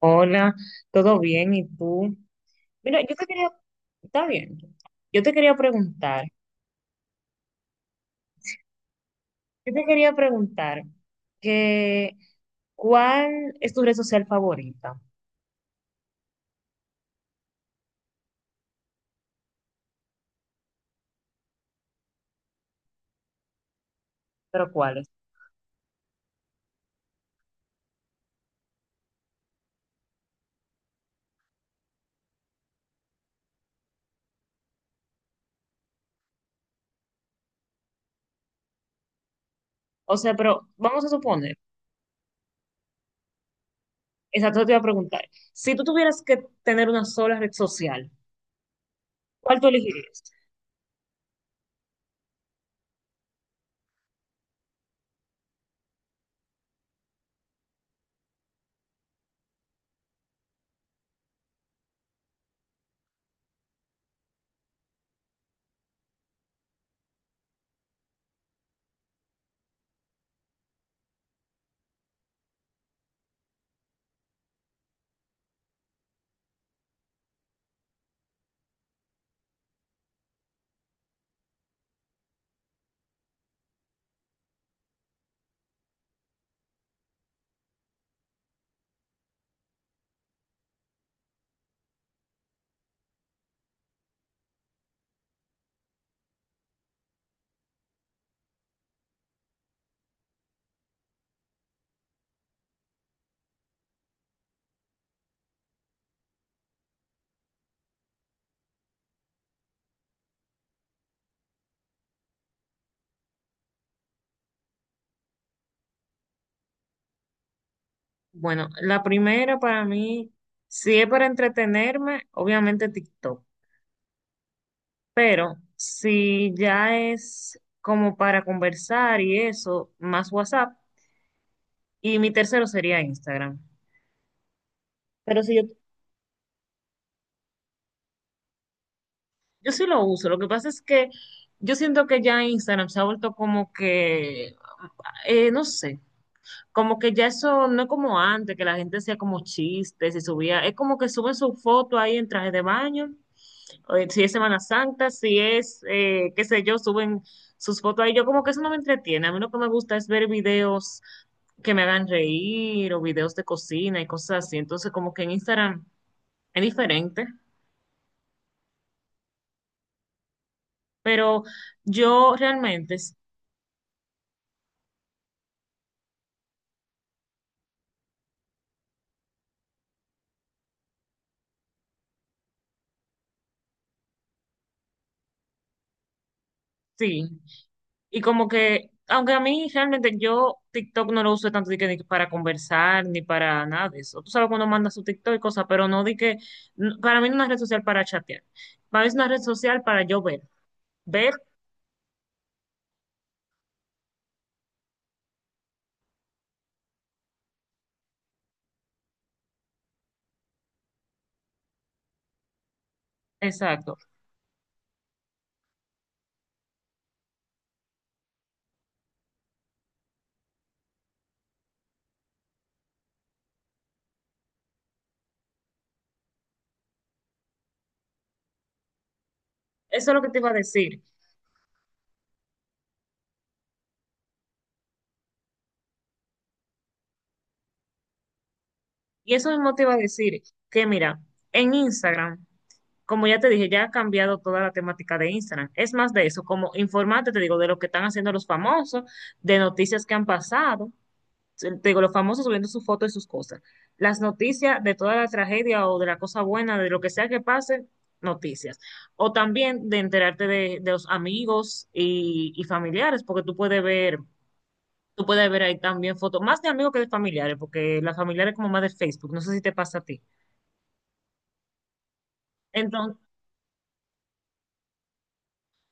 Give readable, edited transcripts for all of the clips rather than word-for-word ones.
Hola, ¿todo bien? ¿Y tú? Mira, está bien, yo te quería preguntar, yo te quería preguntar que ¿cuál es tu red social favorita? Pero ¿cuál es? O sea, pero vamos a suponer, exacto, te iba a preguntar, si tú tuvieras que tener una sola red social, ¿cuál tú elegirías? Bueno, la primera para mí, si es para entretenerme, obviamente TikTok. Pero si ya es como para conversar y eso, más WhatsApp. Y mi tercero sería Instagram. Pero si yo, yo sí lo uso. Lo que pasa es que yo siento que ya Instagram se ha vuelto como que, no sé. Como que ya eso no es como antes, que la gente hacía como chistes y subía. Es como que suben su foto ahí en traje de baño. Si es Semana Santa, si es, qué sé yo, suben sus fotos ahí. Yo como que eso no me entretiene. A mí lo que me gusta es ver videos que me hagan reír o videos de cocina y cosas así. Entonces, como que en Instagram es diferente. Pero yo realmente sí. Y como que, aunque a mí realmente yo TikTok no lo uso tanto de que para conversar ni para nada de eso. Tú sabes cuando manda su TikTok y cosas, pero no di que, para mí no es una red social para chatear. Para mí es una red social para yo ver. Ver, exacto. Eso es lo que te iba a decir. Y eso mismo te iba a decir que, mira, en Instagram, como ya te dije, ya ha cambiado toda la temática de Instagram. Es más de eso, como informarte, te digo, de lo que están haciendo los famosos, de noticias que han pasado. Te digo, los famosos subiendo sus fotos y sus cosas. Las noticias de toda la tragedia o de la cosa buena, de lo que sea que pase, noticias. O también de enterarte de los amigos y familiares, porque tú puedes ver ahí también fotos, más de amigos que de familiares, porque las familiares como más de Facebook, no sé si te pasa a ti. Entonces,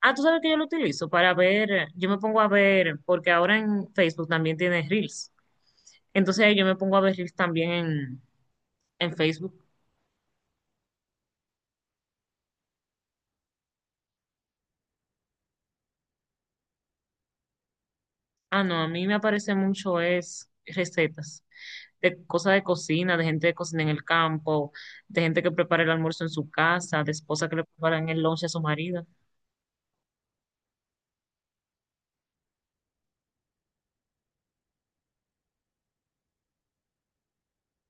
ah, tú sabes que yo lo utilizo para ver, yo me pongo a ver, porque ahora en Facebook también tienes Reels. Entonces ahí yo me pongo a ver Reels también en Facebook. Ah, no, a mí me aparece mucho es recetas de cosas de cocina, de gente que cocina en el campo, de gente que prepara el almuerzo en su casa, de esposas que le preparan el lunch a su marido.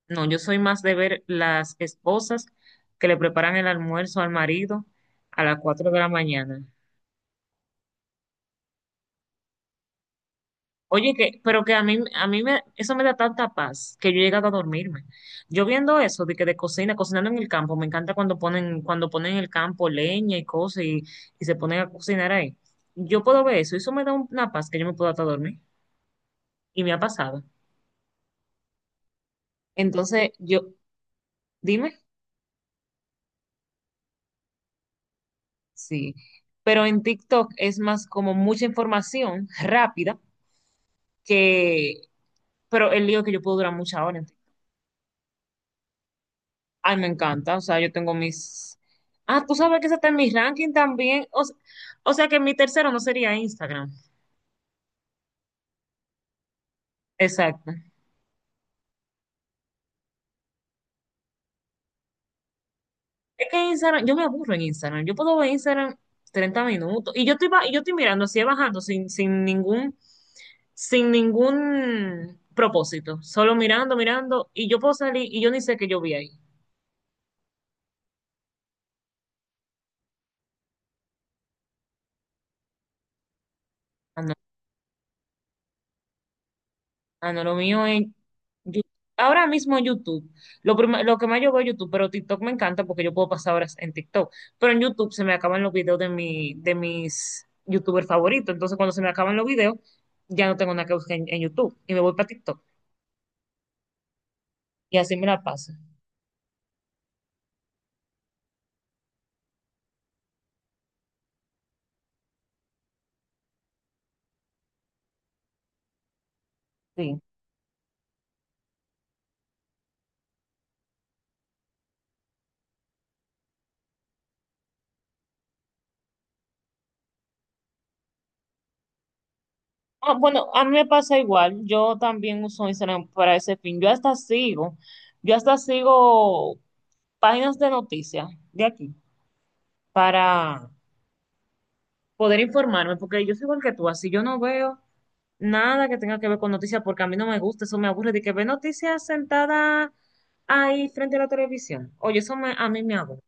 No, yo soy más de ver las esposas que le preparan el almuerzo al marido a las 4 de la mañana. Oye, que, pero que a mí me, eso me da tanta paz que yo he llegado a dormirme. Yo viendo eso de que de cocina, cocinando en el campo, me encanta cuando ponen en el campo leña y cosas y se ponen a cocinar ahí. Yo puedo ver eso, y eso me da una paz que yo me puedo hasta dormir. Y me ha pasado. Entonces, yo, dime, sí. Pero en TikTok es más como mucha información rápida que, pero el lío es que yo puedo durar muchas horas. Ay, me encanta. O sea, yo tengo mis. Ah, tú sabes que ese está en mi ranking también. O sea que mi tercero no sería Instagram. Exacto. Es que Instagram, yo me aburro en Instagram. Yo puedo ver Instagram 30 minutos. Y yo estoy, y yo estoy mirando así, bajando sin ningún propósito. Solo mirando, mirando. Y yo puedo salir y yo ni sé que yo vi ahí. Ah, no, lo mío es Yu- ahora mismo YouTube. Lo que más yo veo es YouTube, pero TikTok me encanta porque yo puedo pasar horas en TikTok. Pero en YouTube se me acaban los videos de mis YouTubers favoritos. Entonces, cuando se me acaban los videos, ya no tengo nada que buscar en YouTube y me voy para TikTok. Y así me la paso. Sí. Ah, bueno, a mí me pasa igual. Yo también uso Instagram para ese fin. Yo hasta sigo páginas de noticias de aquí para poder informarme, porque yo soy igual que tú, así yo no veo nada que tenga que ver con noticias, porque a mí no me gusta, eso me aburre, de que ve noticias sentada ahí frente a la televisión. Oye, a mí me aburre.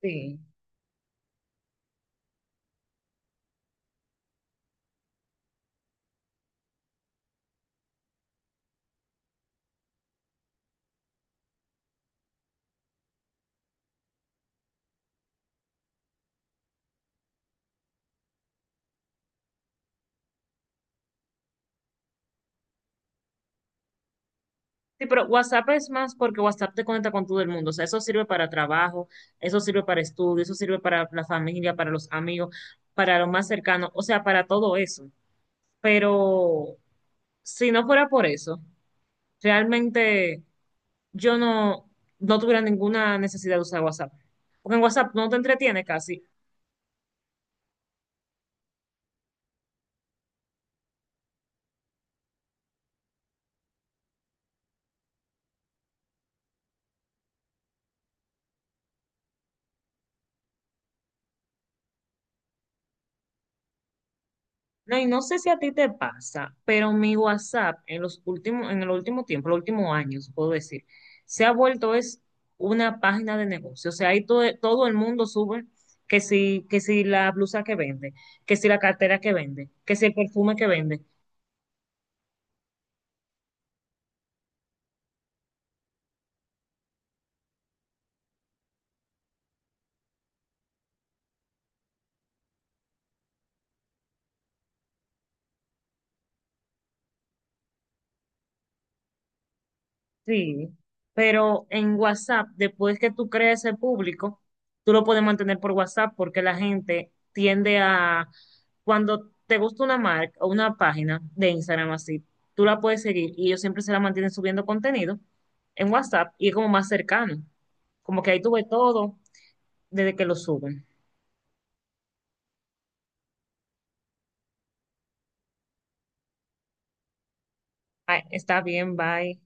Sí. Sí, pero WhatsApp es más porque WhatsApp te conecta con todo el mundo. O sea, eso sirve para trabajo, eso sirve para estudio, eso sirve para la familia, para los amigos, para lo más cercano, o sea, para todo eso. Pero si no fuera por eso, realmente yo no, no tuviera ninguna necesidad de usar WhatsApp. Porque en WhatsApp no te entretiene casi. No, y no sé si a ti te pasa, pero mi WhatsApp en los últimos, en el último tiempo, los últimos años, puedo decir, se ha vuelto es una página de negocio. O sea, ahí todo el mundo sube que si la blusa que vende, que si la cartera que vende, que si el perfume que vende. Sí, pero en WhatsApp, después que tú crees ese público, tú lo puedes mantener por WhatsApp porque la gente tiende a, cuando te gusta una marca o una página de Instagram así, tú la puedes seguir y ellos siempre se la mantienen subiendo contenido en WhatsApp y es como más cercano, como que ahí tuve todo desde que lo suben. Ay, está bien, bye.